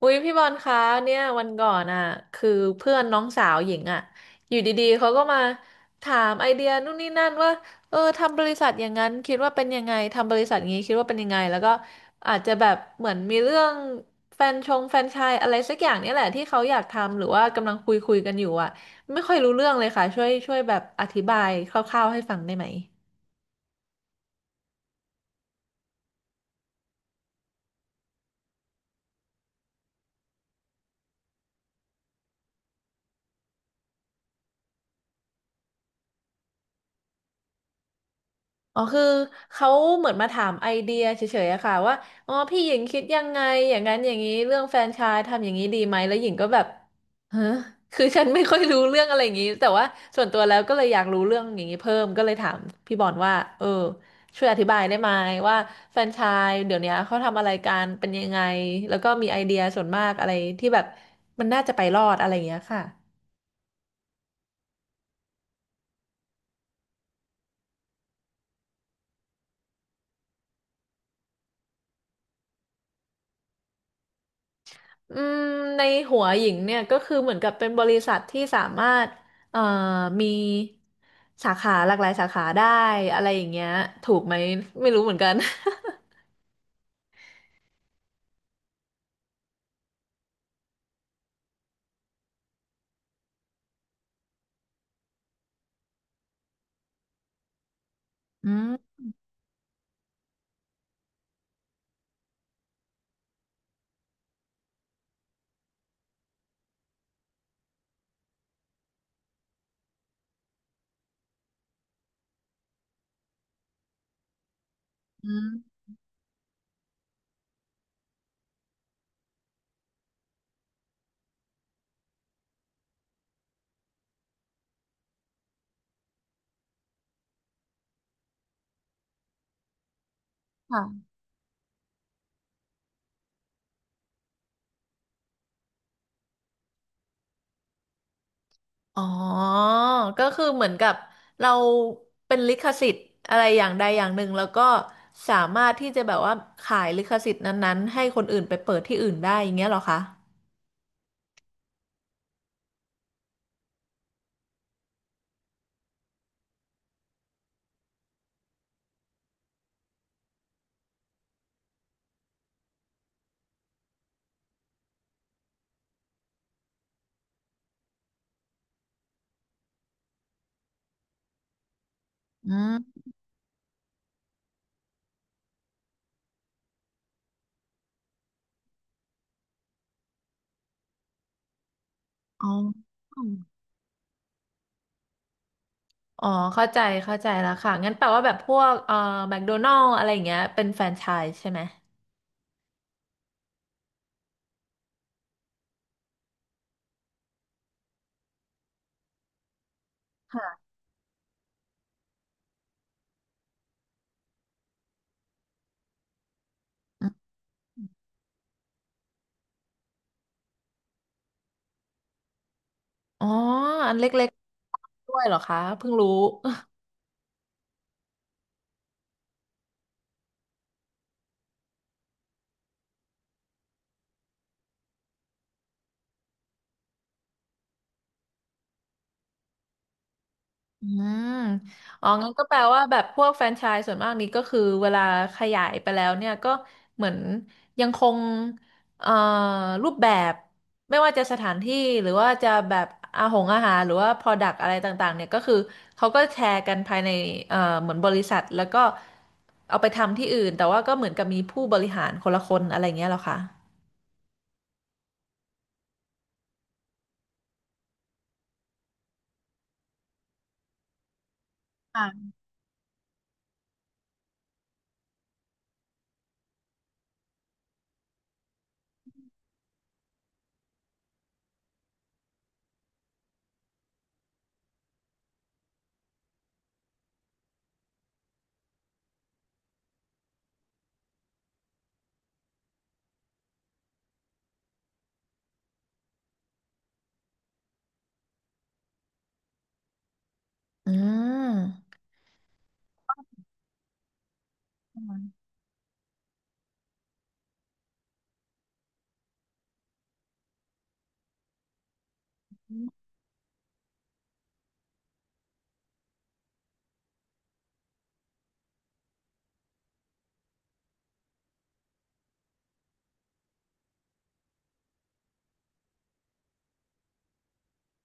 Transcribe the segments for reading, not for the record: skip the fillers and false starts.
อุ้ยพี่บอลคะเนี่ยวันก่อนอ่ะคือเพื่อนน้องสาวหญิงอ่ะอยู่ดีๆเขาก็มาถามไอเดียนู่นนี่นั่นว่าเออทำบริษัทอย่างนั้นคิดว่าเป็นยังไงทำบริษัทอย่างนี้คิดว่าเป็นยังไงแล้วก็อาจจะแบบเหมือนมีเรื่องแฟรนไชายอะไรสักอย่างเนี่ยแหละที่เขาอยากทำหรือว่ากำลังคุยกันอยู่อ่ะไม่ค่อยรู้เรื่องเลยค่ะช่วยแบบอธิบายคร่าวๆให้ฟังได้ไหม อ๋อคือเขาเหมือนมาถามไอเดียเฉยๆอะค่ะว่าอ๋อพี่หญิงคิดยังไงอย่างนั้นอย่างนี้เรื่องแฟรนไชส์ทำอย่างนี้ดีไหมแล้วหญิงก็แบบฮะคือฉันไม่ค่อยรู้เรื่องอะไรอย่างนี้แต่ว่าส่วนตัวแล้วก็เลยอยากรู้เรื่องอย่างนี้เพิ่มก็เลยถามพี่บอลว่าเออช่วยอธิบายได้ไหมว่าแฟรนไชส์เดี๋ยวนี้เขาทำอะไรกันเป็นยังไงแล้วก็มีไอเดียส่วนมากอะไรที่แบบมันน่าจะไปรอดอะไรอย่างเงี้ยค่ะ อืมในหัวหญิงเนี่ยก็คือเหมือนกับเป็นบริษัทที่สามารถเอ่อมีสาขาหลากหลายสาขาได้อะไรอย่างเงี้ยถูกไหมไม่รู้เหมือนกัน อืมอืมค่ะอ๋อก็คือเหมือนกับเราเป็นลิขสิทธิ์อะไรอย่างใดอย่างหนึ่งแล้วก็สามารถที่จะแบบว่าขายลิขสิทธิ์นั้นๆให้คนอื่นไปเปิดที่อื่นได้อย่างเงี้ยเหรอคะอืมอ๋อ อ๋อเข้าใจเข้าใจแล้วค่ะงั้นแปลว่าแบบพวกแมคโดนัลอะไรอย่างเงี้ยเป็นแฟรนไชส์ใช่ไหมค่ะอมอ๋ออันเล็กๆด้วยเหรอคะเพิ่งรู้ อืมอ๋องั้นก็แปลว่าแบบพวกแฟรนไชส์ส่วนมากนี้ก็คือเวลาขยายไปแล้วเนี่ยก็เหมือนยังคงเอ่อรูปแบบไม่ว่าจะสถานที่หรือว่าจะแบบอาหารหรือว่า Product อะไรต่างๆเนี่ยก็คือเขาก็แชร์กันภายในเอ่อเหมือนบริษัทแล้วก็เอาไปทำที่อื่นแต่ว่าก็เหมือนกับมีผู้บริหารคนละคนอะไรเงี้ยเหรอคะอืม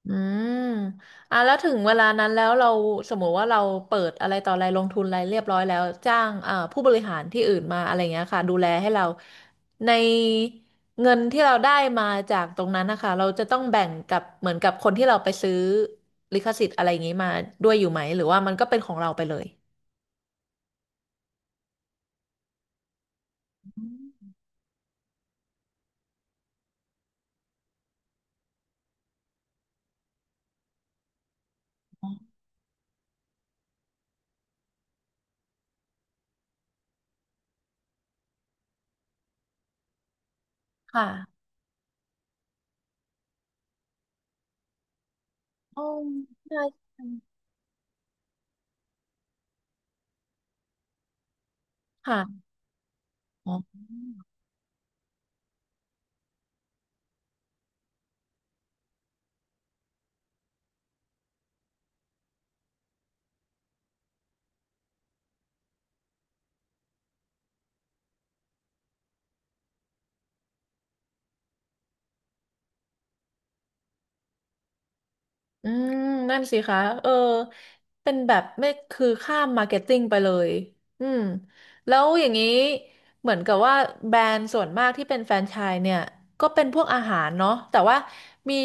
อืมอ่ะแล้วถึงเวลานั้นแล้วเราสมมติว่าเราเปิดอะไรต่ออะไรลงทุนอะไรเรียบร้อยแล้วจ้างผู้บริหารที่อื่นมาอะไรเงี้ยค่ะดูแลให้เราในเงินที่เราได้มาจากตรงนั้นนะคะเราจะต้องแบ่งกับเหมือนกับคนที่เราไปซื้อลิขสิทธิ์อะไรอย่างงี้มาด้วยอยู่ไหมหรือว่ามันก็เป็นของเราไปเลยค่ะอ๋อใช่ใช่ค่ะอ๋อ อืมนั่นสิคะเออเป็นแบบไม่คือข้ามมาร์เก็ตติ้งไปเลยอืมแล้วอย่างนี้เหมือนกับว่าแบรนด์ส่วนมากที่เป็นแฟรนไชส์เนี่ยก็เป็นพวกอาหารเนาะแต่ว่ามี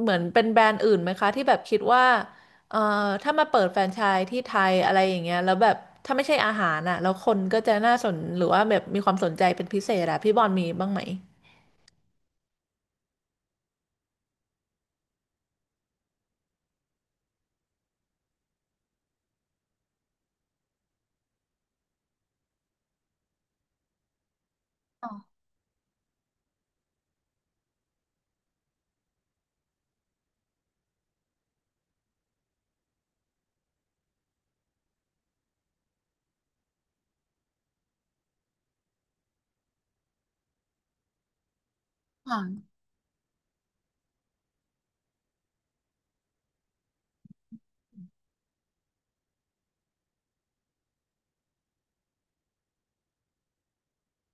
เหมือนเป็นแบรนด์อื่นไหมคะที่แบบคิดว่าเอ่อถ้ามาเปิดแฟรนไชส์ที่ไทยอะไรอย่างเงี้ยแล้วแบบถ้าไม่ใช่อาหารอ่ะแล้วคนก็จะน่าสนหรือว่าแบบมีความสนใจเป็นพิเศษอะพี่บอลมีบ้างไหมอ๋อค่ะ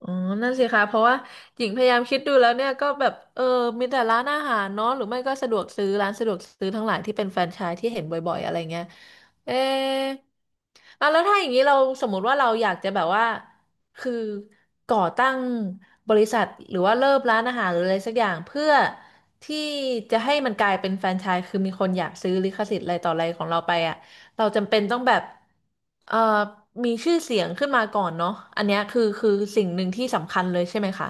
อ๋อนั่นสิคะเพราะว่าหญิงพยายามคิดดูแล้วเนี่ยก็แบบเออมีแต่ร้านอาหารเนาะหรือไม่ก็สะดวกซื้อร้านสะดวกซื้อทั้งหลายที่เป็นแฟรนไชส์ที่เห็นบ่อยๆอะไรเงี้ยเอะอ่ะแล้วถ้าอย่างนี้เราสมมุติว่าเราอยากจะแบบว่าคือก่อตั้งบริษัทหรือว่าเริ่มร้านอาหารหรืออะไรสักอย่างเพื่อที่จะให้มันกลายเป็นแฟรนไชส์คือมีคนอยากซื้อลิขสิทธิ์อะไรต่ออะไรของเราไปอ่ะ เราจำเป็นต้องแบบเอ่อมีชื่อเสียงขึ้นมาก่อนเนาะอันเนี้ยคือสิ่งหนึ่งที่สำคัญเลยใช่ไหมคะ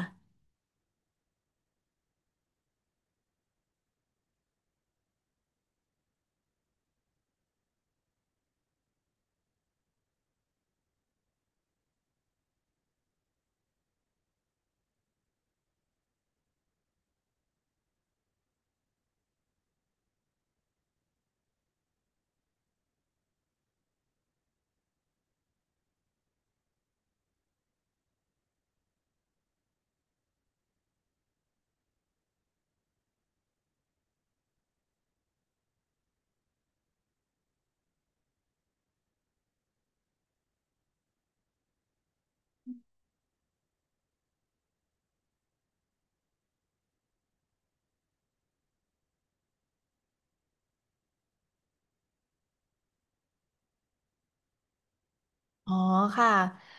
อ๋อค่ะ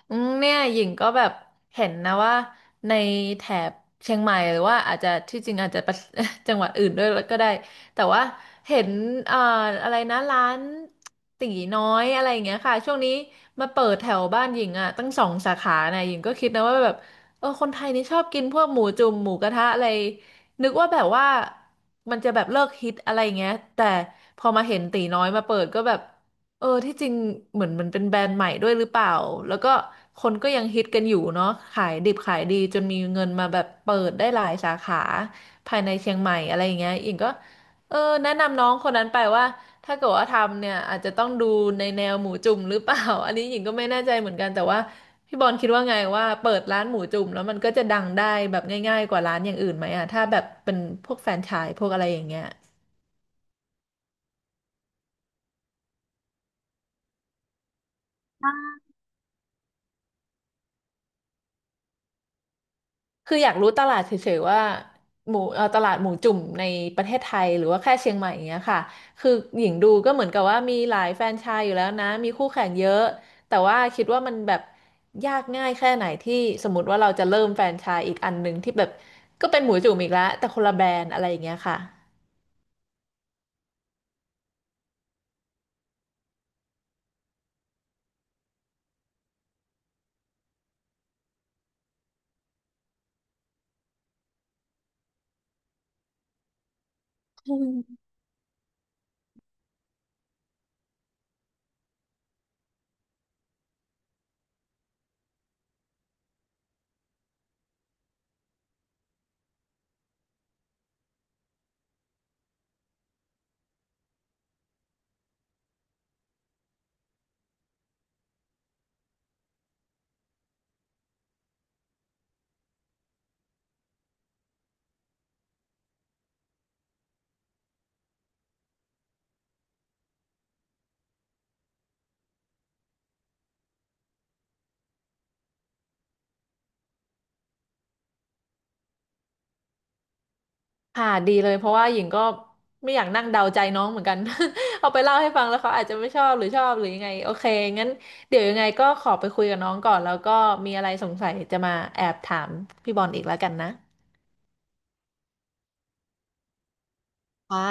อืมเนี่ยหญิงก็แบบเห็นนะว่าในแถบเชียงใหม่หรือว่าอาจจะที่จริงอาจจะประ จังหวัดอื่นด้วยก็ได้แต่ว่าเห็นเอ่ออะไรนะร้านตีน้อยอะไรอย่างเงี้ยค่ะช่วงนี้มาเปิดแถวบ้านหญิงอ่ะตั้ง2 สาขานะหญิงก็คิดนะว่าแบบเออคนไทยนี่ชอบกินพวกหมูจุ่มหมูกระทะอะไรนึกว่าแบบว่ามันจะแบบเลิกฮิตอะไรอย่างเงี้ยแต่พอมาเห็นตีน้อยมาเปิดก็แบบ เออที่จริงเหมือนมันเป็นแบรนด์ใหม่ด้วยหรือเปล่าแล้วก็คนก็ยังฮิตกันอยู่เนาะขายดิบขายดีจนมีเงินมาแบบเปิดได้หลายสาขาภายในเชียงใหม่อะไรอย่างเงี้ยอิงก็เออแนะนำน้องคนนั้นไปว่าถ้าเกิดว่าทำเนี่ยอาจจะต้องดูในแนวหมูจุ่มหรือเปล่า อันนี้หญิงก็ไม่แน่ใจเหมือนกันแต่ว่าพี่บอลคิดว่าไงว่าเปิดร้านหมูจุ่มแล้วมันก็จะดังได้แบบง่ายๆกว่าร้านอย่างอื่นไหมอะถ้าแบบเป็นพวกแฟรนไชส์พวกอะไรอย่างเงี้ย คืออยากรู้ตลาดเฉยๆว่าหมูตลาดหมูจุ่มในประเทศไทยหรือว่าแค่เชียงใหม่อย่างเงี้ยค่ะคือหญิงดูก็เหมือนกับว่ามีหลายแฟรนไชส์อยู่แล้วนะมีคู่แข่งเยอะแต่ว่าคิดว่ามันแบบยากง่ายแค่ไหนที่สมมติว่าเราจะเริ่มแฟรนไชส์อีกอันหนึ่งที่แบบก็เป็นหมูจุ่มอีกแล้วแต่คนละแบรนด์อะไรอย่างเงี้ยค่ะ ค่ะดีเลยเพราะว่าหญิงก็ไม่อยากนั่งเดาใจน้องเหมือนกัน เอาไปเล่าให้ฟังแล้วเขาอาจจะไม่ชอบหรือชอบหรือยังไงโอเคงั้นเดี๋ยวยังไงก็ขอไปคุยกับน้องก่อนแล้วก็มีอะไรสงสัยจะมาแอบถามพี่บอลอีกแล้วกันนะค่ะ